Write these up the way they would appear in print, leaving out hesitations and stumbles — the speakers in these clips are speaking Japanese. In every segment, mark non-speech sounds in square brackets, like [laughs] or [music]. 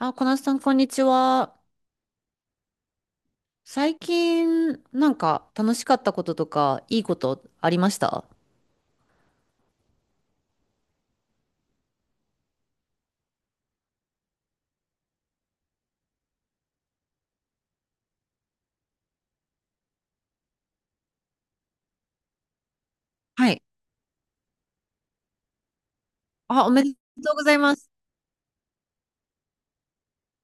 あ、小夏さん、こんにちは。最近、楽しかったこととか、いいことありました？はい。あ、おめでとうございます。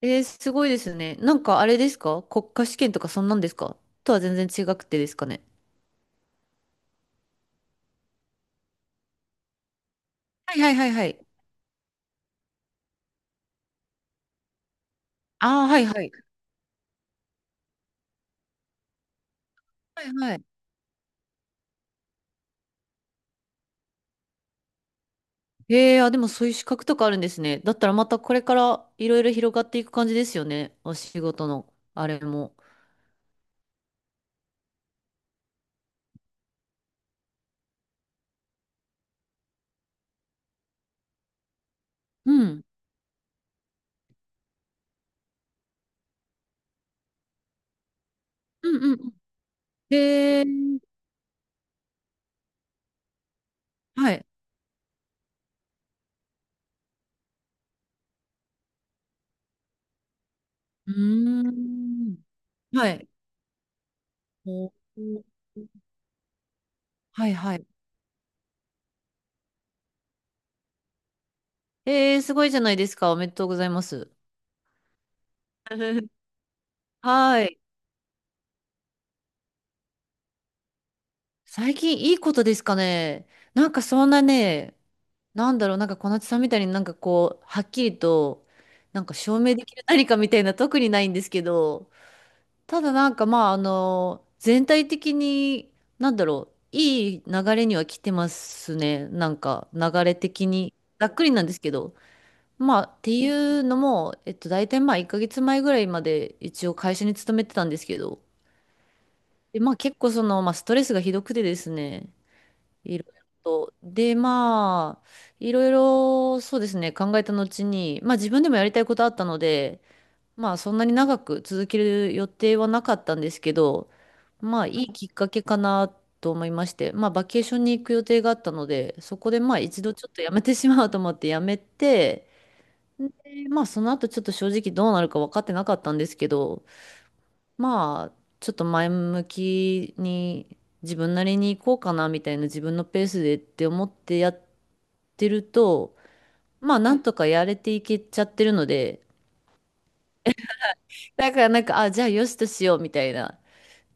すごいですね。あれですか？国家試験とか、そんなんですか？とは全然違くてですかね。はいはいはいはい。あーはいはい。はいはい。えー、あ、でもそういう資格とかあるんですね。だったらまたこれからいろいろ広がっていく感じですよね。お仕事の、あれも。うん。うんうんうん。えー、はい。うーん。はい。おーはいはい。えー、すごいじゃないですか。おめでとうございます。[laughs] はい。最近いいことですかね。なんかそんなね、なんだろう、小夏さんみたいにはっきりと、証明できる何かみたいな特にないんですけど、ただ全体的に、いい流れには来てますね。なんか流れ的に。ざっくりなんですけど。っていうのも、大体まあ、1ヶ月前ぐらいまで一応会社に勤めてたんですけど、で、結構その、まあ、ストレスがひどくてですね、いろいろと。で、いろいろ、そうですね、考えた後に、自分でもやりたいことあったので、そんなに長く続ける予定はなかったんですけど、いいきっかけかなと思いまして、バケーションに行く予定があったので、そこで一度ちょっとやめてしまおうと思ってやめて、で、その後ちょっと正直どうなるか分かってなかったんですけど、ちょっと前向きに自分なりに行こうかなみたいな、自分のペースでって思ってやってると、なんとかやれていけちゃってるので、だからあ、じゃあよしとしようみたいな。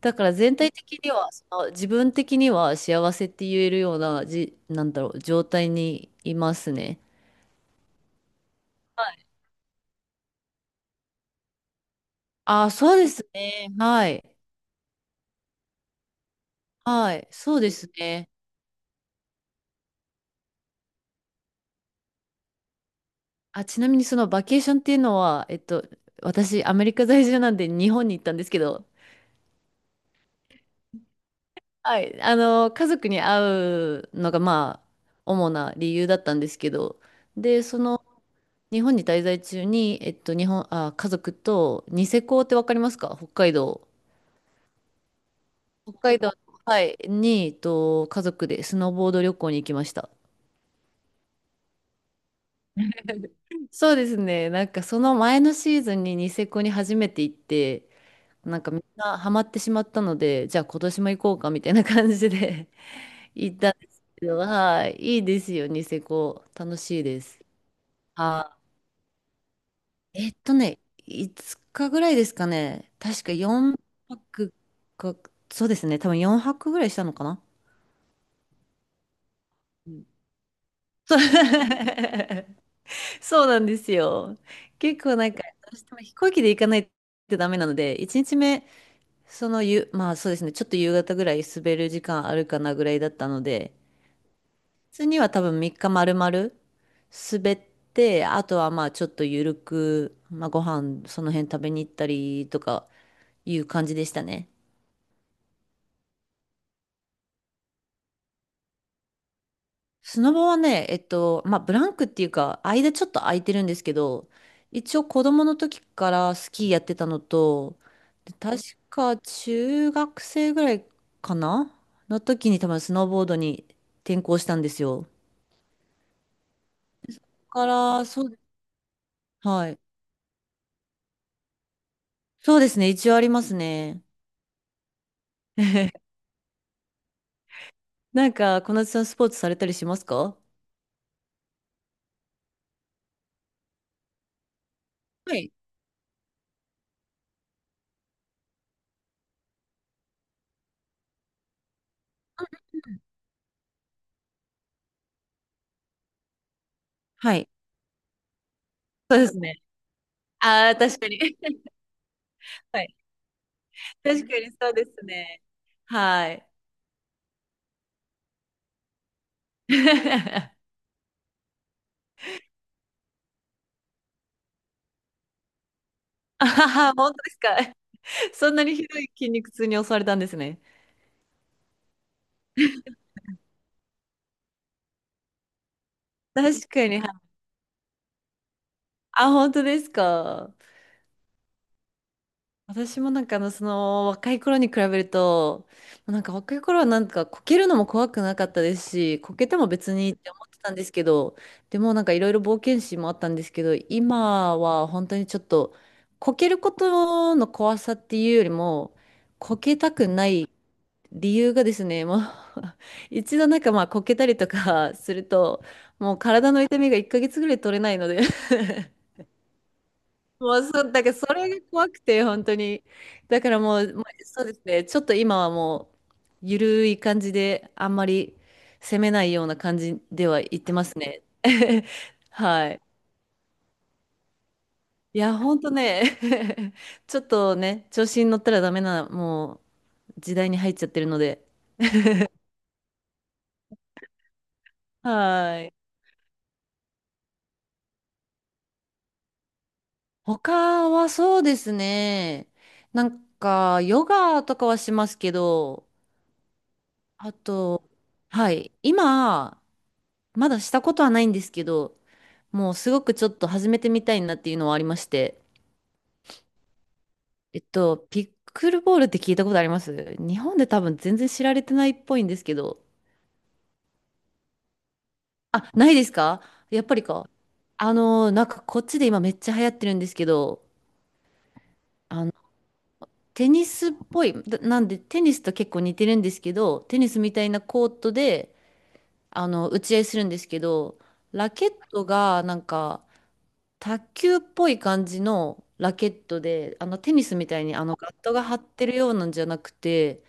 だから全体的には、その自分的には幸せって言えるような、状態にいますね。はい。あ、そうですね。はい。はい。そうですね。あ、ちなみにそのバケーションっていうのは、私、アメリカ在住なんで日本に行ったんですけど、はい、あの、家族に会うのが、主な理由だったんですけど、で、その、日本に滞在中に、えっと、日本、あ、家族と、ニセコってわかりますか？北海道。北海道、はい、に、家族でスノーボード旅行に行きました。[laughs] そうですね。その前のシーズンにニセコに初めて行って、みんなハマってしまったので、じゃあ今年も行こうかみたいな感じで [laughs] 行ったんですけど、はい、いいですよ、ニセコ。楽しいです。あ、えっとね、5日ぐらいですかね。確か4泊か、そうですね、多分4泊ぐらいしたのかな。うん、そう。 [laughs] そうなんですよ。結構なんか、どうしても飛行機で行かないとダメなので、1日目、そのゆ、まあそうですね、ちょっと夕方ぐらい滑る時間あるかなぐらいだったので、普通には多分3日丸々滑って、あとはちょっとゆるく、ご飯その辺食べに行ったりとかいう感じでしたね。スノボはね、ブランクっていうか、間ちょっと空いてるんですけど、一応子供の時からスキーやってたのと、で確か中学生ぐらいかなの時に多分スノーボードに転向したんですよ。だから、そう、はい。そうですね、一応ありますね。[laughs] なんか、小夏さんスポーツされたりしますか？はい。はい。そうですね。ああ、確かに。[laughs] はい。確かにそうですね。はい。[laughs] あはは、本当ですか？[laughs] そんなにひどい筋肉痛に襲われたんですね。確かに。あ、本当ですか？私もその若い頃に比べると、若い頃はこけるのも怖くなかったですし、こけても別にって思ってたんですけど、でもいろいろ冒険心もあったんですけど、今は本当にちょっと、こけることの怖さっていうよりも、こけたくない理由がですね、もう [laughs] 一度こけたりとかすると、もう体の痛みが1ヶ月ぐらい取れないので、もうそう、だからそれが怖くて、本当に。だからもう、まあそうですね、ちょっと今はもう、ゆるい感じで、あんまり攻めないような感じでは言ってますね。[laughs] はい。いや、本当ね、[laughs] ちょっとね、調子に乗ったらダメな、もう、時代に入っちゃってるので。はい。他はそうですね、ヨガとかはしますけど、あと、はい。今、まだしたことはないんですけど、もうすごくちょっと始めてみたいなっていうのはありまして、ピックルボールって聞いたことあります？日本で多分全然知られてないっぽいんですけど、あ、ないですか？やっぱりか。こっちで今めっちゃ流行ってるんですけど、あの、テニスっぽい、だなんでテニスと結構似てるんですけど、テニスみたいなコートで、あの、打ち合いするんですけど、ラケットがなんか、卓球っぽい感じのラケットで、あのテニスみたいにあのガットが張ってるようなんじゃなくて、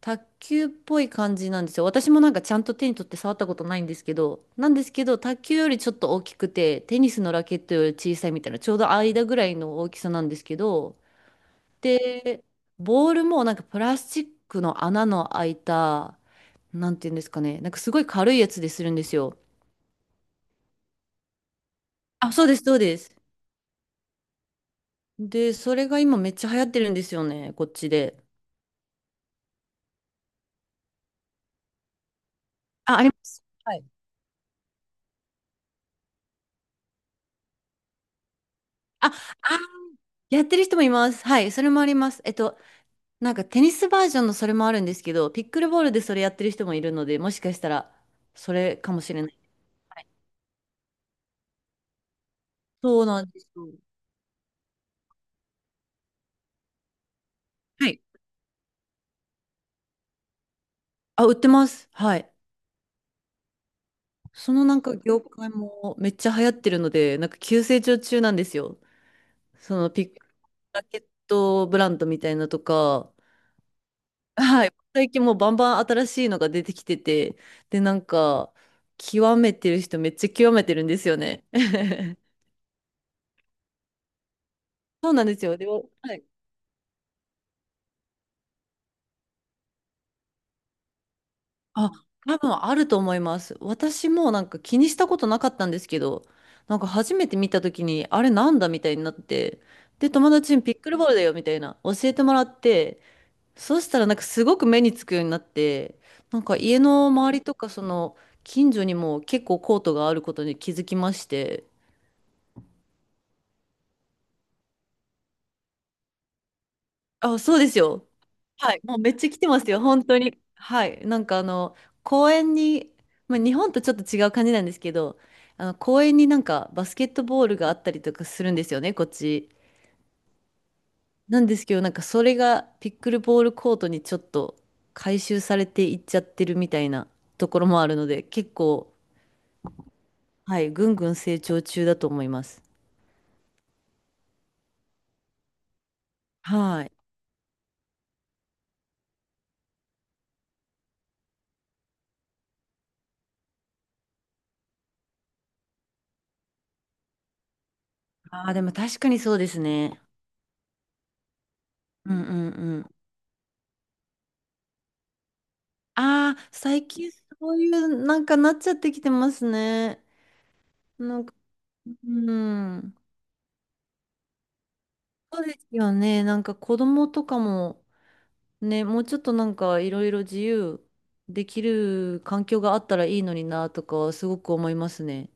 卓球っぽい感じなんですよ。私もなんかちゃんと手に取って触ったことないんですけど、卓球よりちょっと大きくて、テニスのラケットより小さいみたいな、ちょうど間ぐらいの大きさなんですけど、で、ボールもなんかプラスチックの穴の開いた、なんていうんですかね、なんかすごい軽いやつでするんですよ。あ、そうです、そうです。で、それが今めっちゃ流行ってるんですよね、こっちで。あ、あります。はい。あ、あ、やってる人もいます。はい、それもあります。テニスバージョンのそれもあるんですけど、ピックルボールでそれやってる人もいるので、もしかしたらそれかもしれない。そうなんですよ。はい。あ、売ってます。はい。そのなんか業界もめっちゃ流行ってるので、なんか急成長中なんですよ。そのピックラケットブランドみたいなとか、はい。最近もうバンバン新しいのが出てきてて、で、なんか、極めてる人めっちゃ極めてるんですよね。[laughs] そうなんですよ。で、はい。あ、多分あると思います。私もなんか気にしたことなかったんですけど、なんか初めて見た時に、あれなんだみたいになって、で、友達にピックルボールだよみたいな教えてもらって、そうしたらなんかすごく目につくようになって、なんか家の周りとかその近所にも結構コートがあることに気づきまして、あ、そうですよ。はい。もうめっちゃ来てますよ、本当に。はい。なんかあの、公園に、まあ、日本とちょっと違う感じなんですけど、あの、公園になんかバスケットボールがあったりとかするんですよね、こっち。なんですけど、なんかそれがピックルボールコートにちょっと回収されていっちゃってるみたいなところもあるので、結構、はい、ぐんぐん成長中だと思います。はい。ああ、でも確かにそうですね。うんうんうん。ああ、最近そういうなんかなっちゃってきてますね。なんか、うん。そうですよね。なんか子供とかもね、もうちょっとなんかいろいろ自由できる環境があったらいいのになとかはすごく思いますね。